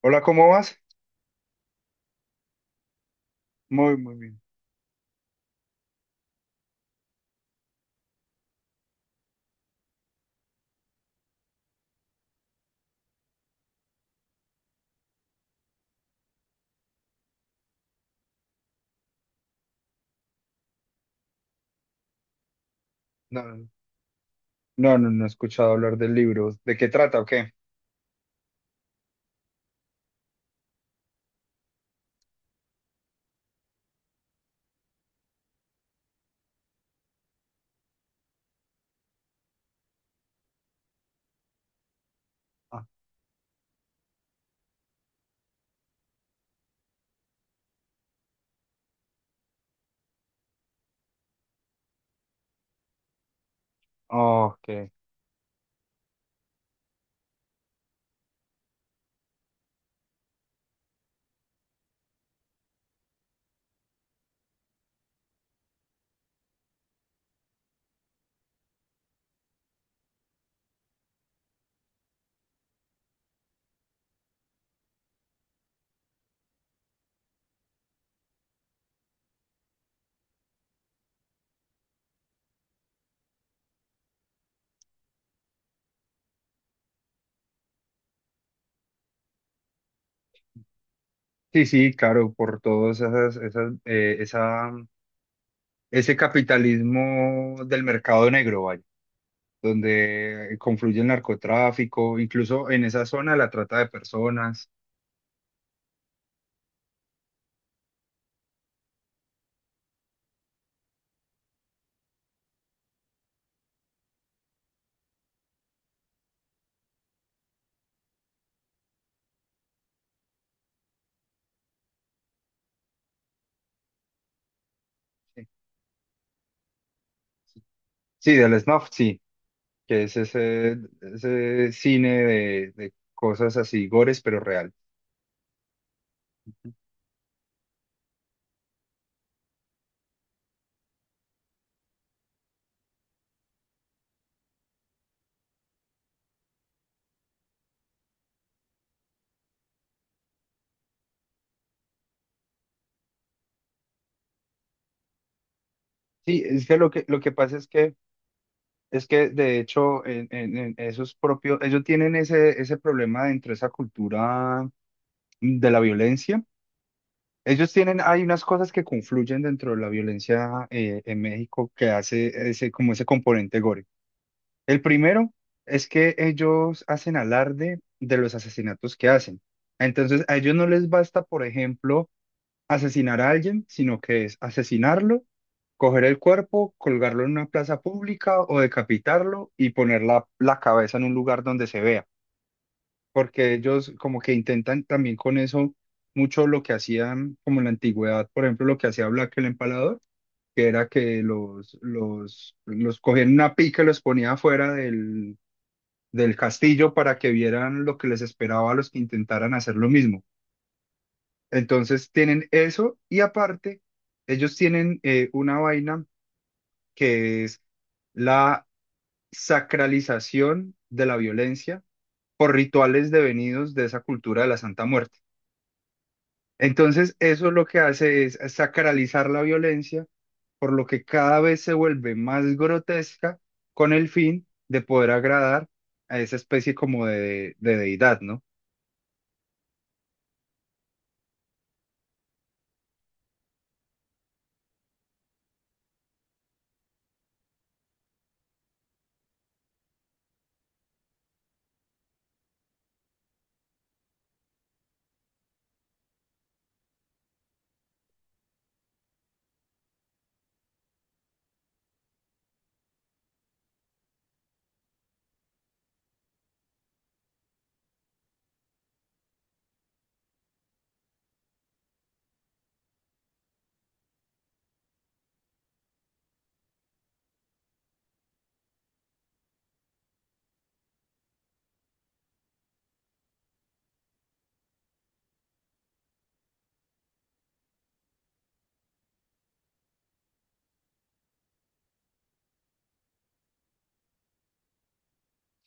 Hola, ¿cómo vas? Muy, muy bien. No, No, no, no he escuchado hablar del libro. ¿De qué trata o qué? Ah, ok. Sí, sí, claro, por todos esas, ese capitalismo del mercado negro, vaya, donde confluye el narcotráfico, incluso en esa zona la trata de personas. Sí, Sí, del snuff, sí, que es ese, ese cine de cosas así, gores, pero real. Sí, es que lo que pasa es que es que de hecho en esos propios, ellos tienen ese, ese problema dentro de esa cultura de la violencia. Ellos tienen, hay unas cosas que confluyen dentro de la violencia en México que hace ese, como ese componente gore. El primero es que ellos hacen alarde de los asesinatos que hacen. Entonces a ellos no les basta, por ejemplo, asesinar a alguien, sino que es asesinarlo, coger el cuerpo, colgarlo en una plaza pública o decapitarlo y poner la cabeza en un lugar donde se vea. Porque ellos como que intentan también con eso mucho lo que hacían como en la antigüedad, por ejemplo, lo que hacía Black el Empalador, que era que los cogían en una pica y los ponía afuera del castillo para que vieran lo que les esperaba a los que intentaran hacer lo mismo. Entonces tienen eso y aparte ellos tienen una vaina que es la sacralización de la violencia por rituales devenidos de esa cultura de la Santa Muerte. Entonces eso lo que hace es sacralizar la violencia, por lo que cada vez se vuelve más grotesca con el fin de poder agradar a esa especie como de deidad, ¿no?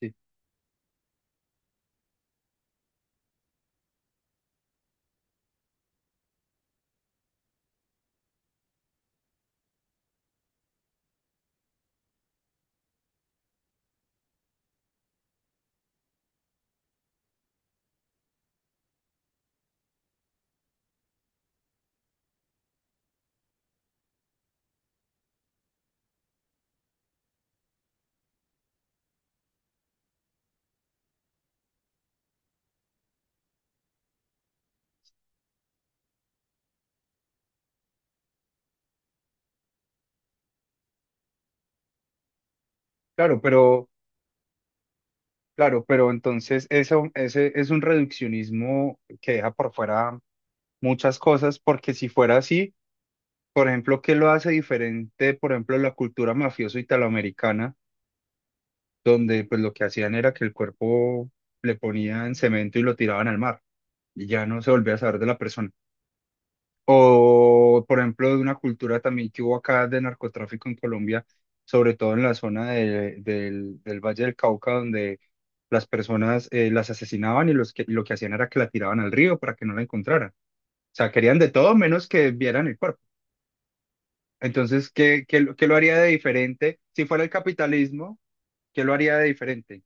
Sí, claro, pero... Claro, pero entonces eso, ese es un reduccionismo que deja por fuera muchas cosas, porque si fuera así, por ejemplo, ¿qué lo hace diferente, por ejemplo, la cultura mafioso italoamericana, donde pues lo que hacían era que el cuerpo le ponían cemento y lo tiraban al mar, y ya no se volvía a saber de la persona? O, por ejemplo, de una cultura también que hubo acá de narcotráfico en Colombia, sobre todo en la zona del Valle del Cauca, donde las personas las asesinaban y lo que hacían era que la tiraban al río para que no la encontraran. O sea, querían de todo menos que vieran el cuerpo. Entonces, ¿qué lo haría de diferente? Si fuera el capitalismo, ¿qué lo haría de diferente?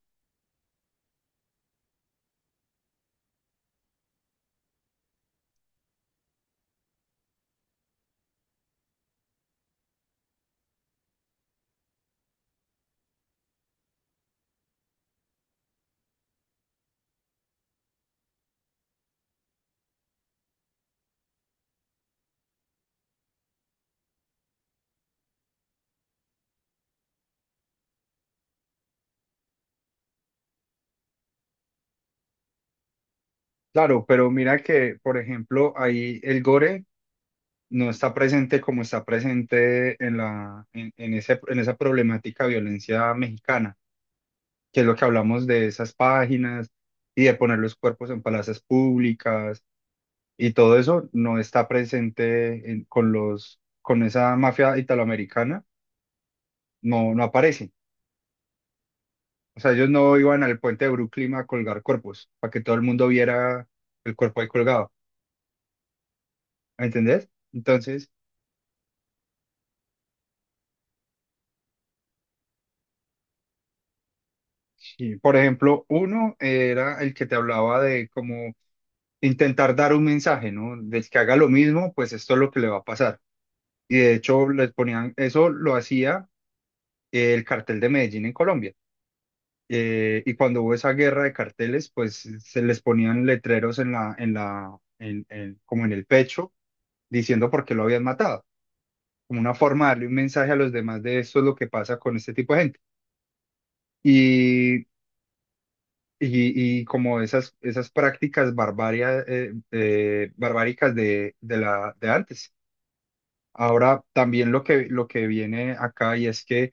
Claro, pero mira que, por ejemplo, ahí el gore no está presente como está presente en la, en ese, en esa problemática de violencia mexicana, que es lo que hablamos de esas páginas y de poner los cuerpos en plazas públicas, y todo eso no está presente con esa mafia italoamericana, no, no aparece. O sea, ellos no iban al puente de Brooklyn a colgar cuerpos para que todo el mundo viera el cuerpo ahí colgado, ¿me entendés? Entonces, sí, por ejemplo, uno era el que te hablaba de cómo intentar dar un mensaje, ¿no? Del que haga lo mismo, pues esto es lo que le va a pasar. Y de hecho, les ponían, eso lo hacía el cartel de Medellín en Colombia. Y cuando hubo esa guerra de carteles, pues se les ponían letreros en la, en la, en- como en el pecho, diciendo por qué lo habían matado, como una forma de darle un mensaje a los demás de esto es lo que pasa con este tipo de gente. Y, y como esas, esas prácticas barbáricas de, de antes. Ahora también lo que viene acá y es que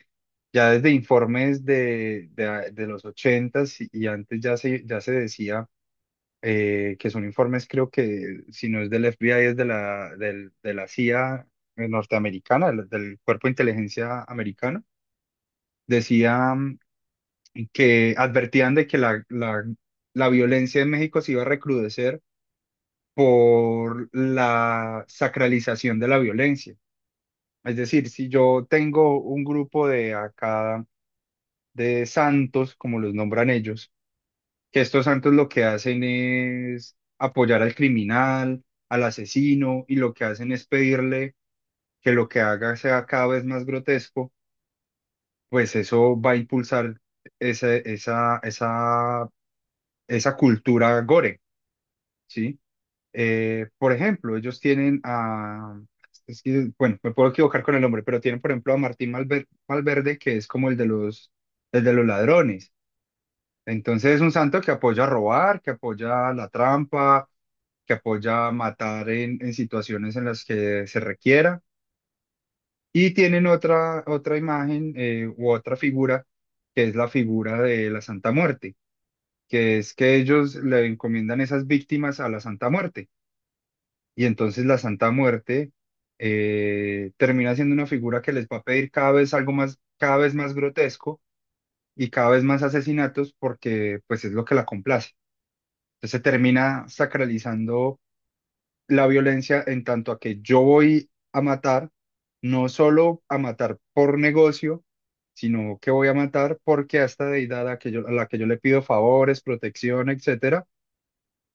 ya desde informes de los ochentas y antes ya se decía que son informes creo que si no es del FBI es de la CIA norteamericana, del Cuerpo de Inteligencia americano, decían que advertían de que la violencia en México se iba a recrudecer por la sacralización de la violencia. Es decir, si yo tengo un grupo de acá de santos, como los nombran ellos, que estos santos lo que hacen es apoyar al criminal, al asesino, y lo que hacen es pedirle que lo que haga sea cada vez más grotesco, pues eso va a impulsar esa, esa, esa, esa cultura gore, ¿sí? Por ejemplo, ellos tienen a, es que, bueno, me puedo equivocar con el nombre, pero tienen, por ejemplo, a Martín Valverde, que es como el de los ladrones. Entonces es un santo que apoya a robar, que apoya la trampa, que apoya a matar en situaciones en las que se requiera. Y tienen otra imagen u otra figura, que es la figura de la Santa Muerte, que es que ellos le encomiendan esas víctimas a la Santa Muerte. Y entonces la Santa Muerte termina siendo una figura que les va a pedir cada vez algo más, cada vez más grotesco y cada vez más asesinatos porque pues es lo que la complace. Entonces se termina sacralizando la violencia en tanto a que yo voy a matar, no solo a matar por negocio, sino que voy a matar porque a esta deidad a la que yo le pido favores, protección, etcétera,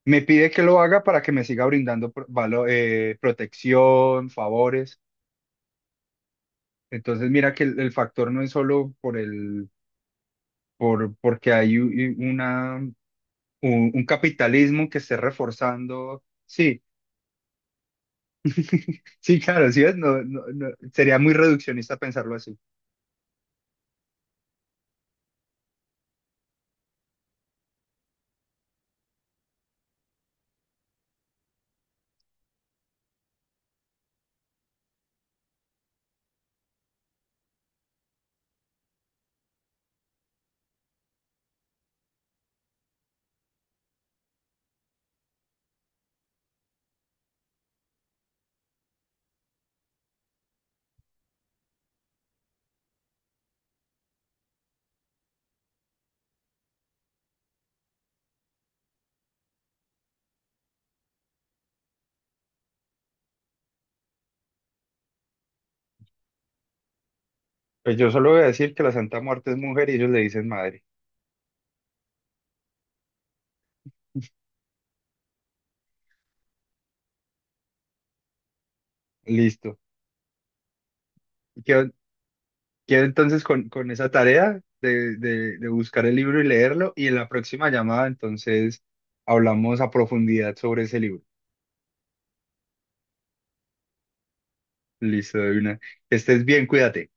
me pide que lo haga para que me siga brindando protección, favores. Entonces, mira que el factor no es solo por porque hay un capitalismo que esté reforzando. Sí, sí, claro, sí es, no, no, no, sería muy reduccionista pensarlo así. Pues yo solo voy a decir que la Santa Muerte es mujer y ellos le dicen madre. Listo. Quedo entonces con esa tarea de, de buscar el libro y leerlo y en la próxima llamada entonces hablamos a profundidad sobre ese libro. Listo, de una. Que estés bien, cuídate.